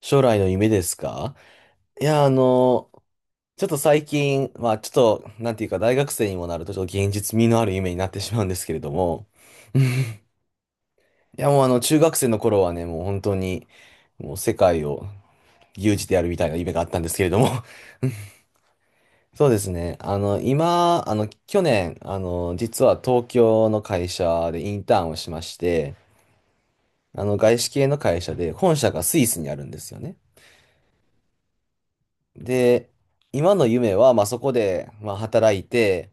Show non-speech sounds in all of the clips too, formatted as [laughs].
将来の夢ですか。いや、あの、ちょっと最近、まあちょっと、なんていうか、大学生にもなると、ちょっと現実味のある夢になってしまうんですけれども、いや、もうあの、中学生の頃はね、もう本当に、世界を牛耳でやるみたいな夢があったんですけれども、[laughs] そうですね。あの、今、あの、去年、実は東京の会社でインターンをしまして、外資系の会社で、本社がスイスにあるんですよね。で、今の夢は、まあ、そこで、まあ、働いて、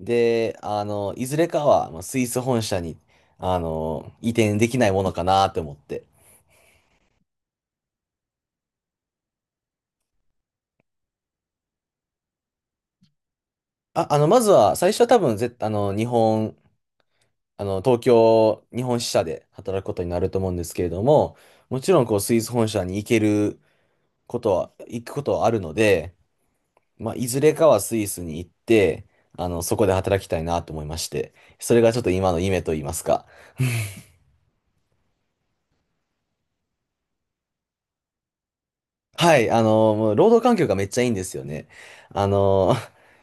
で、いずれかは、まあ、スイス本社に、移転できないものかなって思って。まずは、最初は多分、ぜ、あの、日本、あの、東京、日本支社で働くことになると思うんですけれども、もちろん、こう、スイス本社に行けることは、行くことはあるので、まあ、いずれかはスイスに行って、そこで働きたいなと思いまして、それがちょっと今の夢と言いますか、はい、もう労働環境がめっちゃいいんですよね。あの、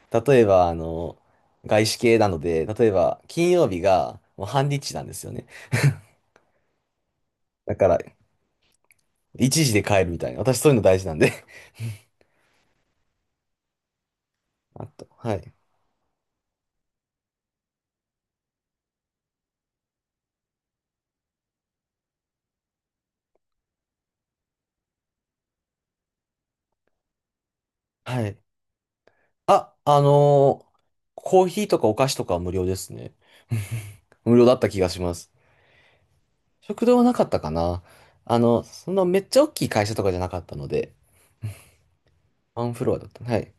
[laughs] 例えば、外資系なので、例えば、金曜日がもう半日なんですよね。だから、一時で帰るみたいな。私、そういうの大事なんで。[laughs] あと、はい。はい。あ、あのーコーヒーとかお菓子とかは無料ですね。無料だった気がします。食堂はなかったかな。あの、そんなめっちゃ大きい会社とかじゃなかったので、ワンフロアだった。はい。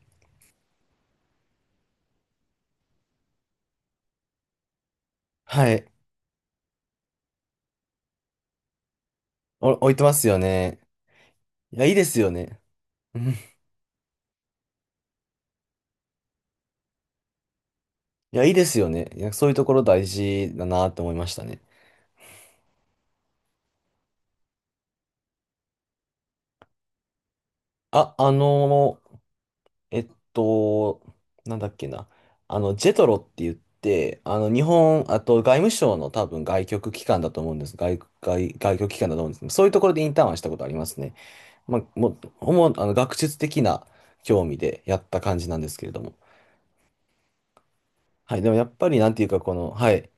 はい。お、置いてますよね。いや、いいですよね。[laughs] いや、いいですよね。いや、そういうところ大事だなって思いましたね。あ、あのー、えっと、なんだっけな。あの、ジェトロって言って、あの、日本、あと外務省の多分外局機関だと思うんです。外局機関だと思うんですけど、そういうところでインターンはしたことありますね。まあ、もう、主にあの、学術的な興味でやった感じなんですけれども。はい、でもやっぱりなんていうか、この、はい、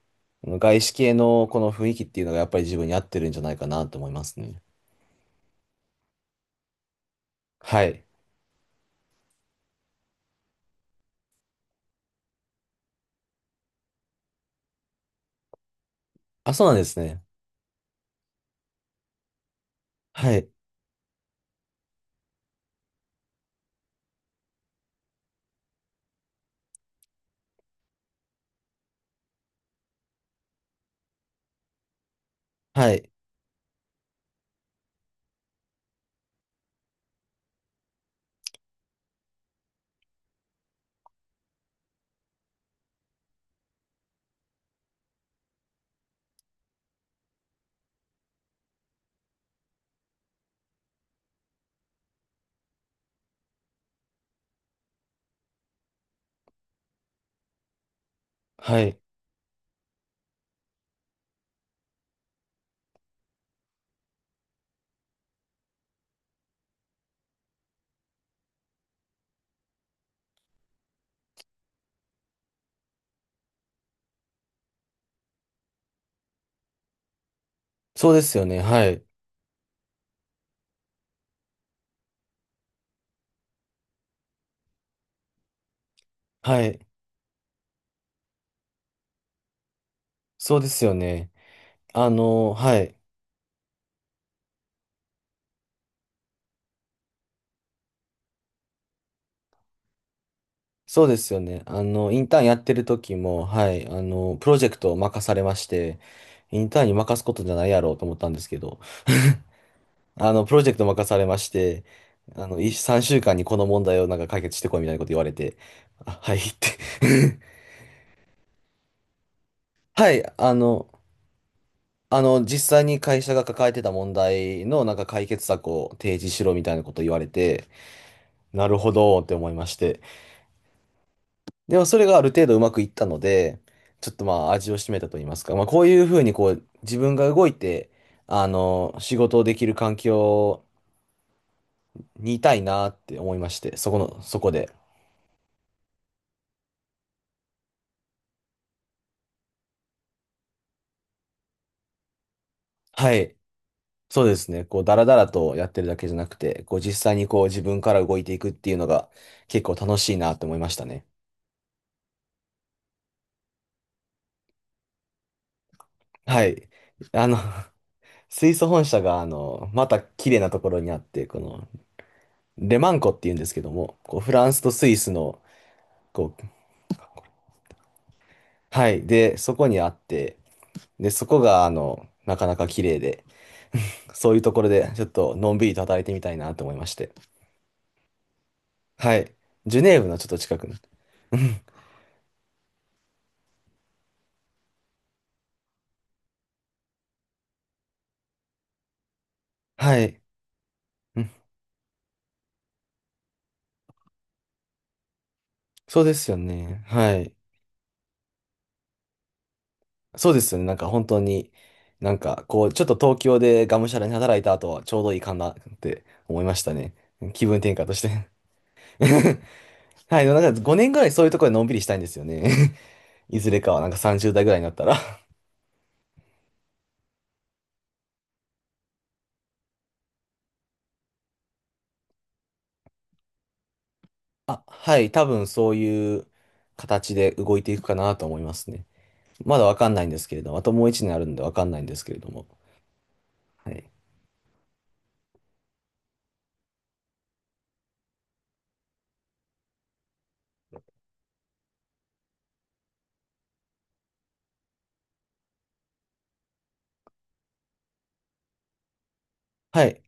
あの外資系のこの雰囲気っていうのがやっぱり自分に合ってるんじゃないかなと思いますね。はい。あ、そうなんですね。はい。はい。はい。そうですよね。はい。はい。そうですよね。あの、はい。そうですよね。あの、インターンやってる時も、はい。あの、プロジェクトを任されまして、インターンに任すことじゃないやろうと思ったんですけど、[laughs] あの、プロジェクト任されまして、3週間にこの問題をなんか解決してこいみたいなこと言われて、あ、はいって [laughs] はい、あの、実際に会社が抱えてた問題のなんか解決策を提示しろみたいなこと言われて、なるほどって思いまして。でもそれがある程度うまくいったので、ちょっとまあ味を占めたと言いますか、まあこういうふうにこう自分が動いて、あの、仕事をできる環境にいたいなって思いまして、そこの、そこで。はい。そうですね。こう、だらだらとやってるだけじゃなくて、こう、実際にこう、自分から動いていくっていうのが結構楽しいなって思いましたね。はい。あの、[laughs] 水素本社が、あの、また綺麗なところにあって、この、レマン湖っていうんですけども、こうフランスとスイスの、こう、はい、で、そこにあって、で、そこが、あの、なかなか綺麗で、[laughs] そういうところで、ちょっとのんびりと働いてみたいなと思いまして。はい。ジュネーブのちょっと近くの。はい。うん、そうですよね。はい。そうですよね。なんか本当に、なんかこう、ちょっと東京でがむしゃらに働いた後はちょうどいいかなって思いましたね。気分転換として。[laughs] はい、なんか5年ぐらいそういうところでのんびりしたいんですよね。[laughs] いずれかはなんか30代ぐらいになったらあ、はい、多分そういう形で動いていくかなと思いますね。まだわかんないんですけれども、あともう一年あるんでわかんないんですけれども。はい。はい。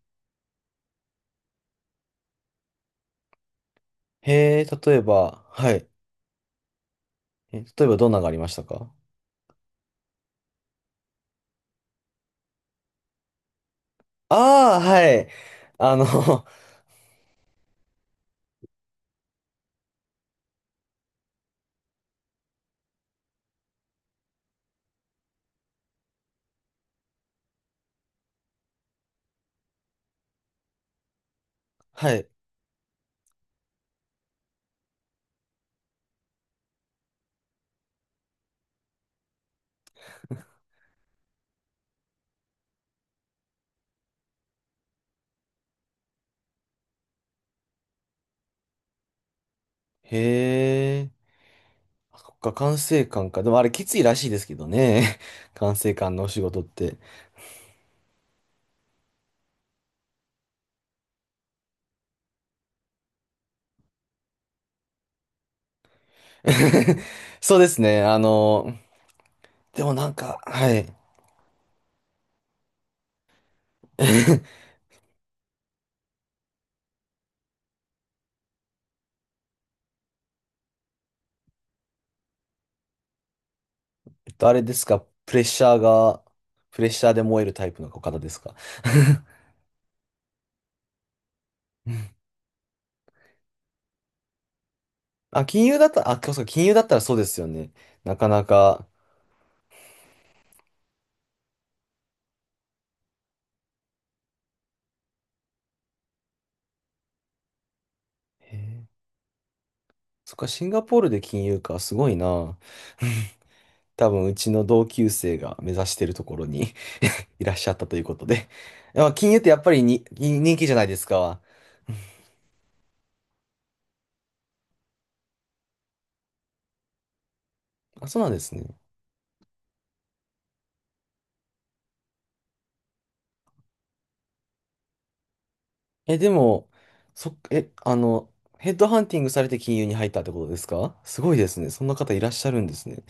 へえ、例えば、はい。え、例えばどんなのがありましたか？ああー、はい。あの、[laughs] はい。へえ、そっか、管制官か。でもあれきついらしいですけどね。[laughs] 管制官のお仕事って。[laughs] そうですね。あの、でもなんか、はい。[laughs] えっと、あれですか、プレッシャーが、プレッシャーで燃えるタイプの方ですか？ [laughs] あ、金融だったら、あ、そうか、金融だったらそうですよね。なかなか。へえ、そっか、シンガポールで金融か、すごいな。[laughs] 多分、うちの同級生が目指してるところに [laughs] いらっしゃったということで。まあ金融ってやっぱりに、人気じゃないですか。あ、そうなんですね。え、でも、そっ、え、あの、ヘッドハンティングされて金融に入ったってことですか？すごいですね。そんな方いらっしゃるんですね。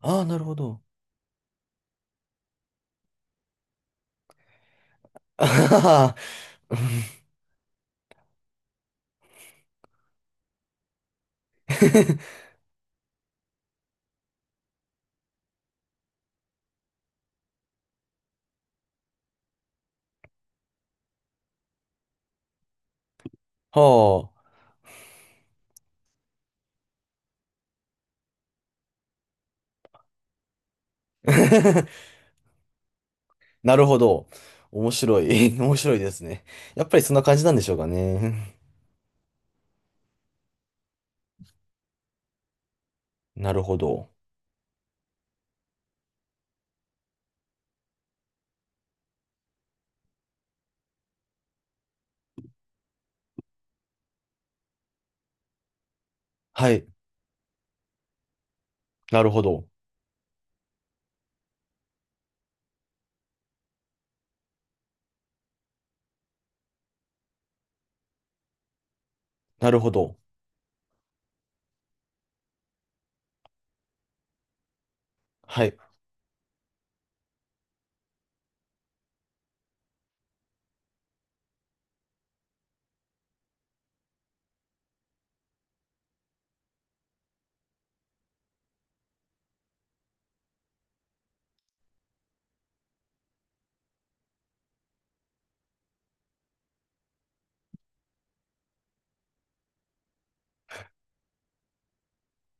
ああ、なるほど。[laughs] あはは。[laughs] はあ。[laughs] なるほど。面白い。[laughs] 面白いですね。やっぱりそんな感じなんでしょうかね。[laughs] なるほど。はい。なるほど。なるほど。はい。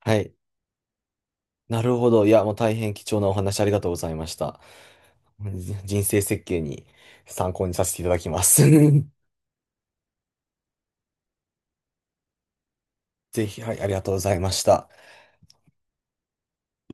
はい。なるほど。いや、もう大変貴重なお話ありがとうございました。人生設計に参考にさせていただきます。[laughs] ぜひ、はい、ありがとうございました。